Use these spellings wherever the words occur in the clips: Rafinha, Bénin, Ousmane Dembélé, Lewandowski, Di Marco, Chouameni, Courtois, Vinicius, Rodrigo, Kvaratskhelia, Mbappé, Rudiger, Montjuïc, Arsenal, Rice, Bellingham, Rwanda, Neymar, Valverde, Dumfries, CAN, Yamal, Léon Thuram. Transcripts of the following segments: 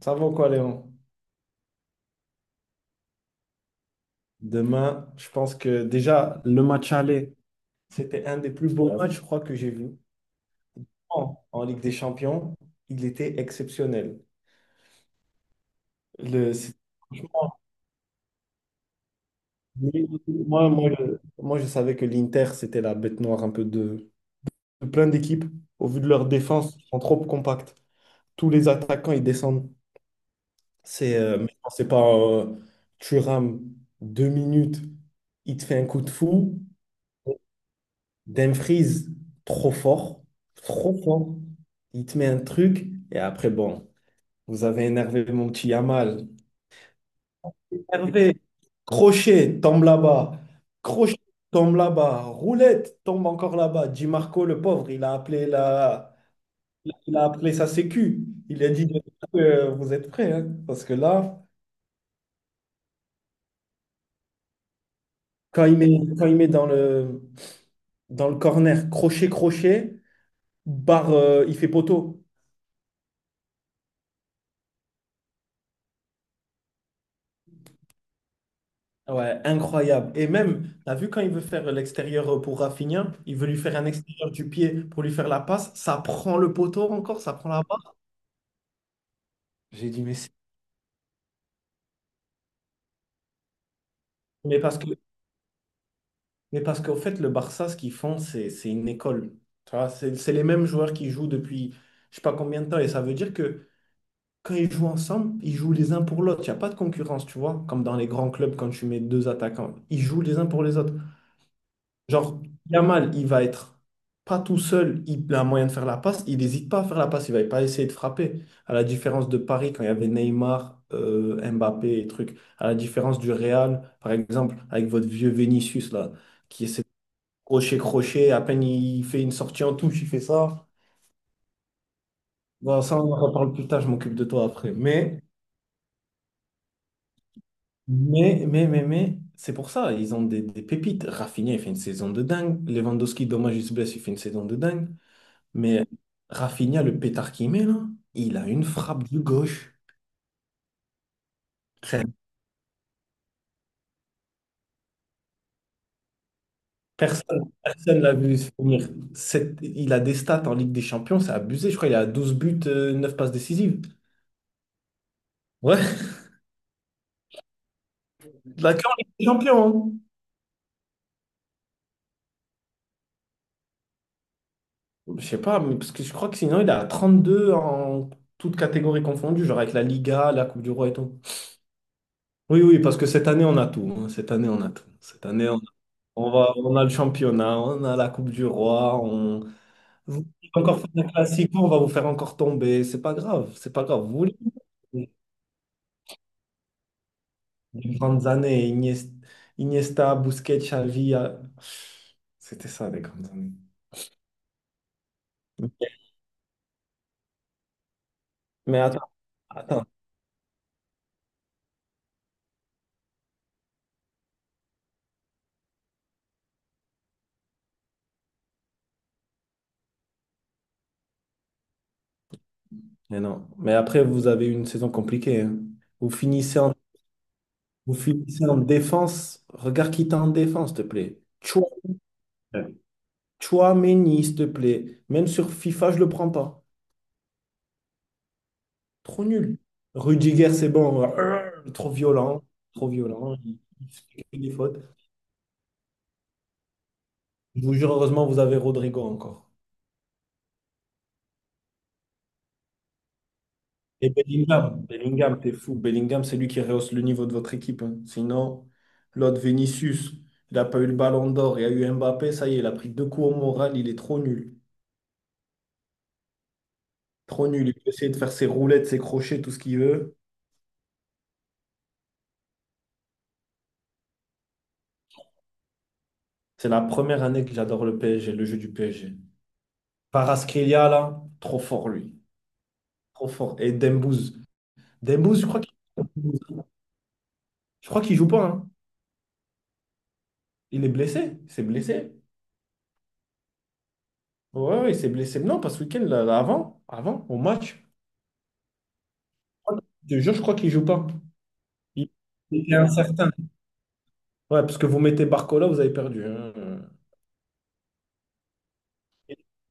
Ça va quoi, Léon? Demain, je pense que déjà, le match aller, c'était un des plus beaux matchs, je crois, que j'ai vu en Ligue des Champions. Il était exceptionnel. Le- c'est- moi, je savais que l'Inter, c'était la bête noire un peu de plein d'équipes. Au vu de leur défense, ils sont trop compacts. Tous les attaquants, ils descendent. Mais non, c'est pas Thuram, 2 minutes, il te fait un coup de fou. Dumfries, trop fort, trop fort. Il te met un truc et après, bon, vous avez énervé mon petit Yamal. Énervé, crochet, tombe là-bas. Crochet, tombe là-bas. Roulette, tombe encore là-bas. Di Marco, le pauvre, il a appelé sa sécu. Il a dit vous êtes prêts, hein? Parce que là, quand il met, quand il met dans dans le corner, crochet, crochet, barre, il fait poteau. Ouais, incroyable. Et même, t'as vu quand il veut faire l'extérieur pour Rafinha, il veut lui faire un extérieur du pied pour lui faire la passe, ça prend le poteau encore, ça prend la barre. J'ai dit, mais, c'est- mais parce que, mais parce qu'au fait, le Barça, ce qu'ils font, c'est une école. Tu vois, c'est les mêmes joueurs qui jouent depuis je sais pas combien de temps. Et ça veut dire que quand ils jouent ensemble, ils jouent les uns pour l'autre. Il n'y a pas de concurrence, tu vois, comme dans les grands clubs quand tu mets deux attaquants. Ils jouent les uns pour les autres. Genre, Yamal, il va être pas tout seul, il a moyen de faire la passe, il n'hésite pas à faire la passe, il va pas essayer de frapper. À la différence de Paris, quand il y avait Neymar, Mbappé et trucs, à la différence du Real, par exemple, avec votre vieux Vinicius là, qui essaie de crocher, crocher, à peine il fait une sortie en touche, il fait ça. Bon, ça, on en reparle plus tard, je m'occupe de toi après. Mais, c'est pour ça, ils ont des pépites. Rafinha, il fait une saison de dingue. Lewandowski, dommage, il se blesse, il fait une saison de dingue. Mais Rafinha, le pétard qu'il met, là, il a une frappe de gauche. Frère, personne l'a vu se finir. Il a des stats en Ligue des Champions, c'est abusé. Je crois qu'il a 12 buts, 9 passes décisives. Ouais, la queue en Ligue des Champions, hein. Je sais pas, mais parce que je crois que sinon, il a 32 en toutes catégories confondues, genre avec la Liga, la Coupe du Roi et tout. Oui, oui, parce que cette année, on a tout, hein. Cette année, on a tout. Cette année, on a le championnat, on a la Coupe du Roi, vous voulez encore faire un classico, on va vous faire encore tomber. C'est pas grave, c'est pas grave. Vous voulez des grandes années, Iniesta, Busquets, Xavi. C'était ça, les grandes années. Mais attends, attends. Mais non. Mais après, vous avez eu une saison compliquée, hein. Vous finissez en, vous finissez en défense. Regarde qui t'a en défense, s'il te plaît. Chouameni, s'il te plaît. Même sur FIFA, je le prends pas. Trop nul. Rudiger, c'est bon. Trop violent. Trop violent. Il fait des fautes. Je vous jure, heureusement, vous avez Rodrigo encore. Et Bellingham. Bellingham, t'es fou. Bellingham, c'est lui qui rehausse le niveau de votre équipe, hein. Sinon, l'autre Vinicius, il n'a pas eu le ballon d'or. Il y a eu Mbappé. Ça y est, il a pris deux coups au moral. Il est trop nul. Trop nul. Il peut essayer de faire ses roulettes, ses crochets, tout ce qu'il veut. C'est la première année que j'adore le PSG, le jeu du PSG. Kvaratskhelia, là, trop fort, lui. Trop fort. Et Dembouz. Dembouz, je crois Je crois qu'il joue pas, hein. Il est blessé. Il s'est blessé. Ouais, ouais, il s'est blessé. Non, pas ce week-end, avant, au match. Je te jure, je crois qu'il joue pas. Il il était incertain. Ouais, parce que vous mettez Barcola, vous avez perdu, hein.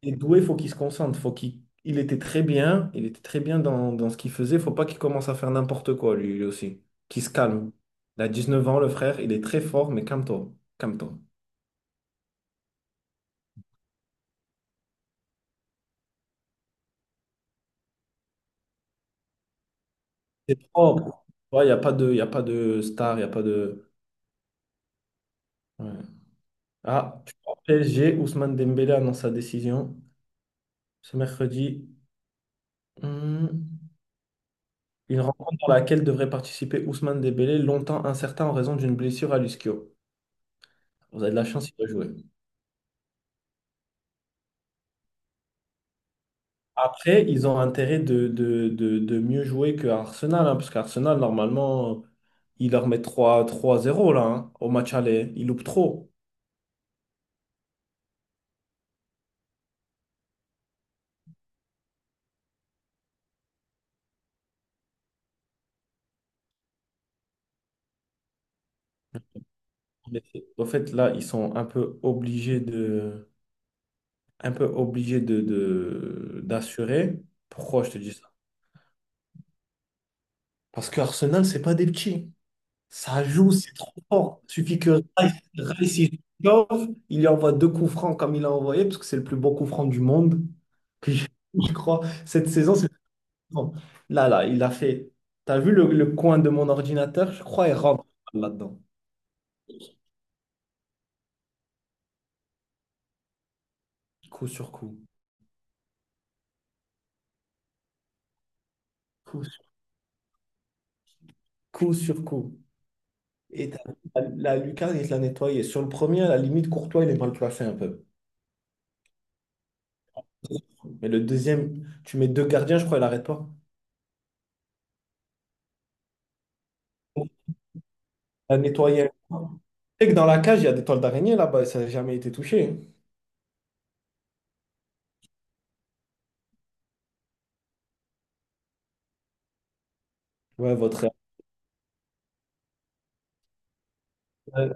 Et Doué, faut qu'il se concentre. Il était très bien. Il était très bien dans ce qu'il faisait. Faut pas qu'il commence à faire n'importe quoi, lui aussi. Qu'il se calme. Il a 19 ans, le frère. Il est très fort, mais calme-toi. Calme-toi. C'est propre. Il n'y a pas de, y a pas de star, il n'y a pas de. Ouais. Ah, tu vois, PSG, Ousmane Dembélé annonce sa décision ce mercredi. Hmm. Une rencontre dans laquelle devrait participer Ousmane Dembélé, longtemps incertain en raison d'une blessure à l'ischio. Vous avez de la chance, il va jouer. Après, ils ont intérêt de mieux jouer que Arsenal, hein, parce qu'Arsenal, normalement, ils leur mettent trois trois zéro là, hein, au match aller. Ils loupent trop. Mais au fait, là, ils sont un peu obligés d'assurer. Pourquoi je te dis ça? Parce que Arsenal, c'est pas des petits. Ça joue, c'est trop fort. Il suffit que Rice, il chauffe, il lui envoie deux coups francs comme il a envoyé, parce que c'est le plus bon coup franc du monde. Que je je crois, cette saison, c'est le plus grand. Là, il a fait. T'as vu le coin de mon ordinateur? Je crois il rentre là-dedans. Coup sur coup. Coup sur coup. Sur coup. Et t'as vu, la lucarne, il l'a nettoyé. Sur le premier, à la limite, Courtois, il est mal placé un peu. Mais le deuxième, tu mets deux gardiens, je crois, il arrête pas. Il l'a nettoyé. Sais que dans la cage, il y a des toiles d'araignée là-bas et ça n'a jamais été touché, hein. Ouais, votre. Euh,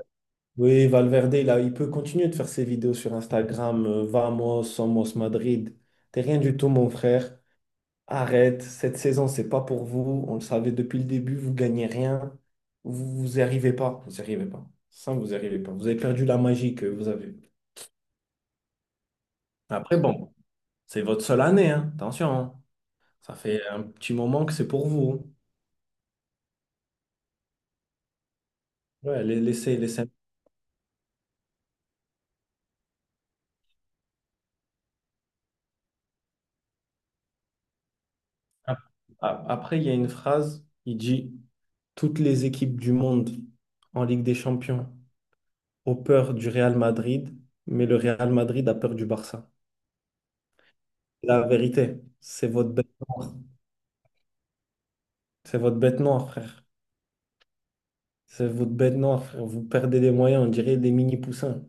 Oui, Valverde, là, il peut continuer de faire ses vidéos sur Instagram. Vamos, somos Madrid. T'es rien du tout, mon frère. Arrête. Cette saison, c'est pas pour vous. On le savait depuis le début. Vous gagnez rien. Vous, vous y arrivez pas. Vous y arrivez pas. Ça, vous y arrivez pas. Vous avez perdu la magie que vous avez. Après, bon, c'est votre seule année, hein. Attention, hein. Ça fait un petit moment que c'est pour vous, hein. Ouais, laissez, laissez. Après, il y a une phrase, il dit, toutes les équipes du monde en Ligue des Champions ont peur du Real Madrid, mais le Real Madrid a peur du Barça. La vérité, c'est votre bête noire. C'est votre bête noire, frère. C'est votre bête noire, frère. Vous perdez des moyens, on dirait des mini-poussins.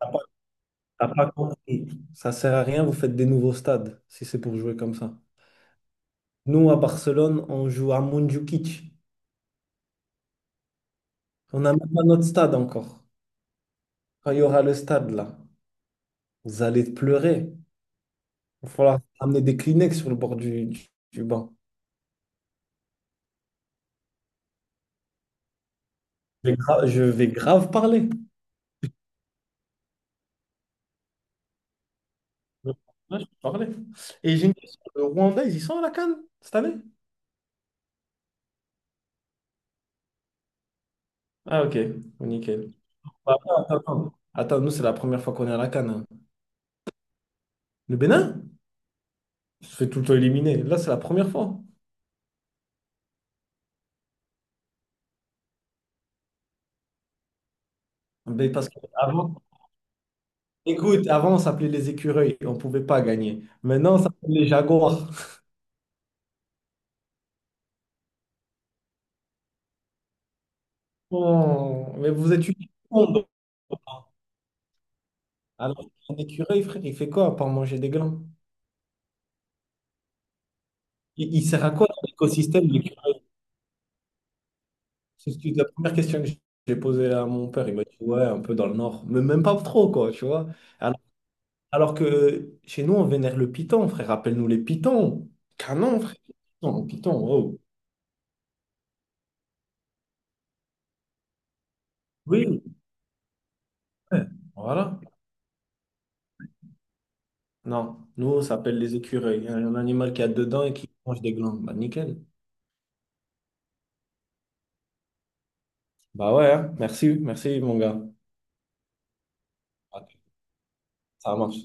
T'as pas t'as pas compris. Ça sert à rien, vous faites des nouveaux stades si c'est pour jouer comme ça. Nous, à Barcelone, on joue à Montjuïc. On n'a même pas notre stade encore. Quand il y aura le stade, là, vous allez pleurer. Il va falloir amener des Kleenex sur le bord du banc. Je vais grave parler. Là, je vais parler. Et j'ai une question. Le Rwanda, ils y sont à la CAN cette année? Ah, ok. Nickel. Bah, attends, attends. Attends, nous, c'est la première fois qu'on est à la CAN, hein. Le Bénin? On se fait tout le temps éliminer. Là, c'est la première fois. Mais parce que avant, écoute, avant, on s'appelait les écureuils. On ne pouvait pas gagner. Maintenant, on s'appelle les jaguars. Oh, mais vous êtes une honte. Alors, un écureuil, frère, il fait quoi à part manger des glands? Il sert à quoi dans l'écosystème les curieux? La première question que j'ai posée à mon père. Il m'a dit, ouais, un peu dans le nord. Mais même pas trop, quoi, tu vois. Alors, alors que chez nous, on vénère le python, frère. Rappelle-nous les pythons. Canon, frère. Python, python, wow. Oui, ouais, voilà. Non, nous, ça s'appelle les écureuils. Il y a un animal qui a dedans et qui mange des glandes. Bah, nickel. Bah ouais, hein. Merci, merci, mon gars. Ok, ça marche.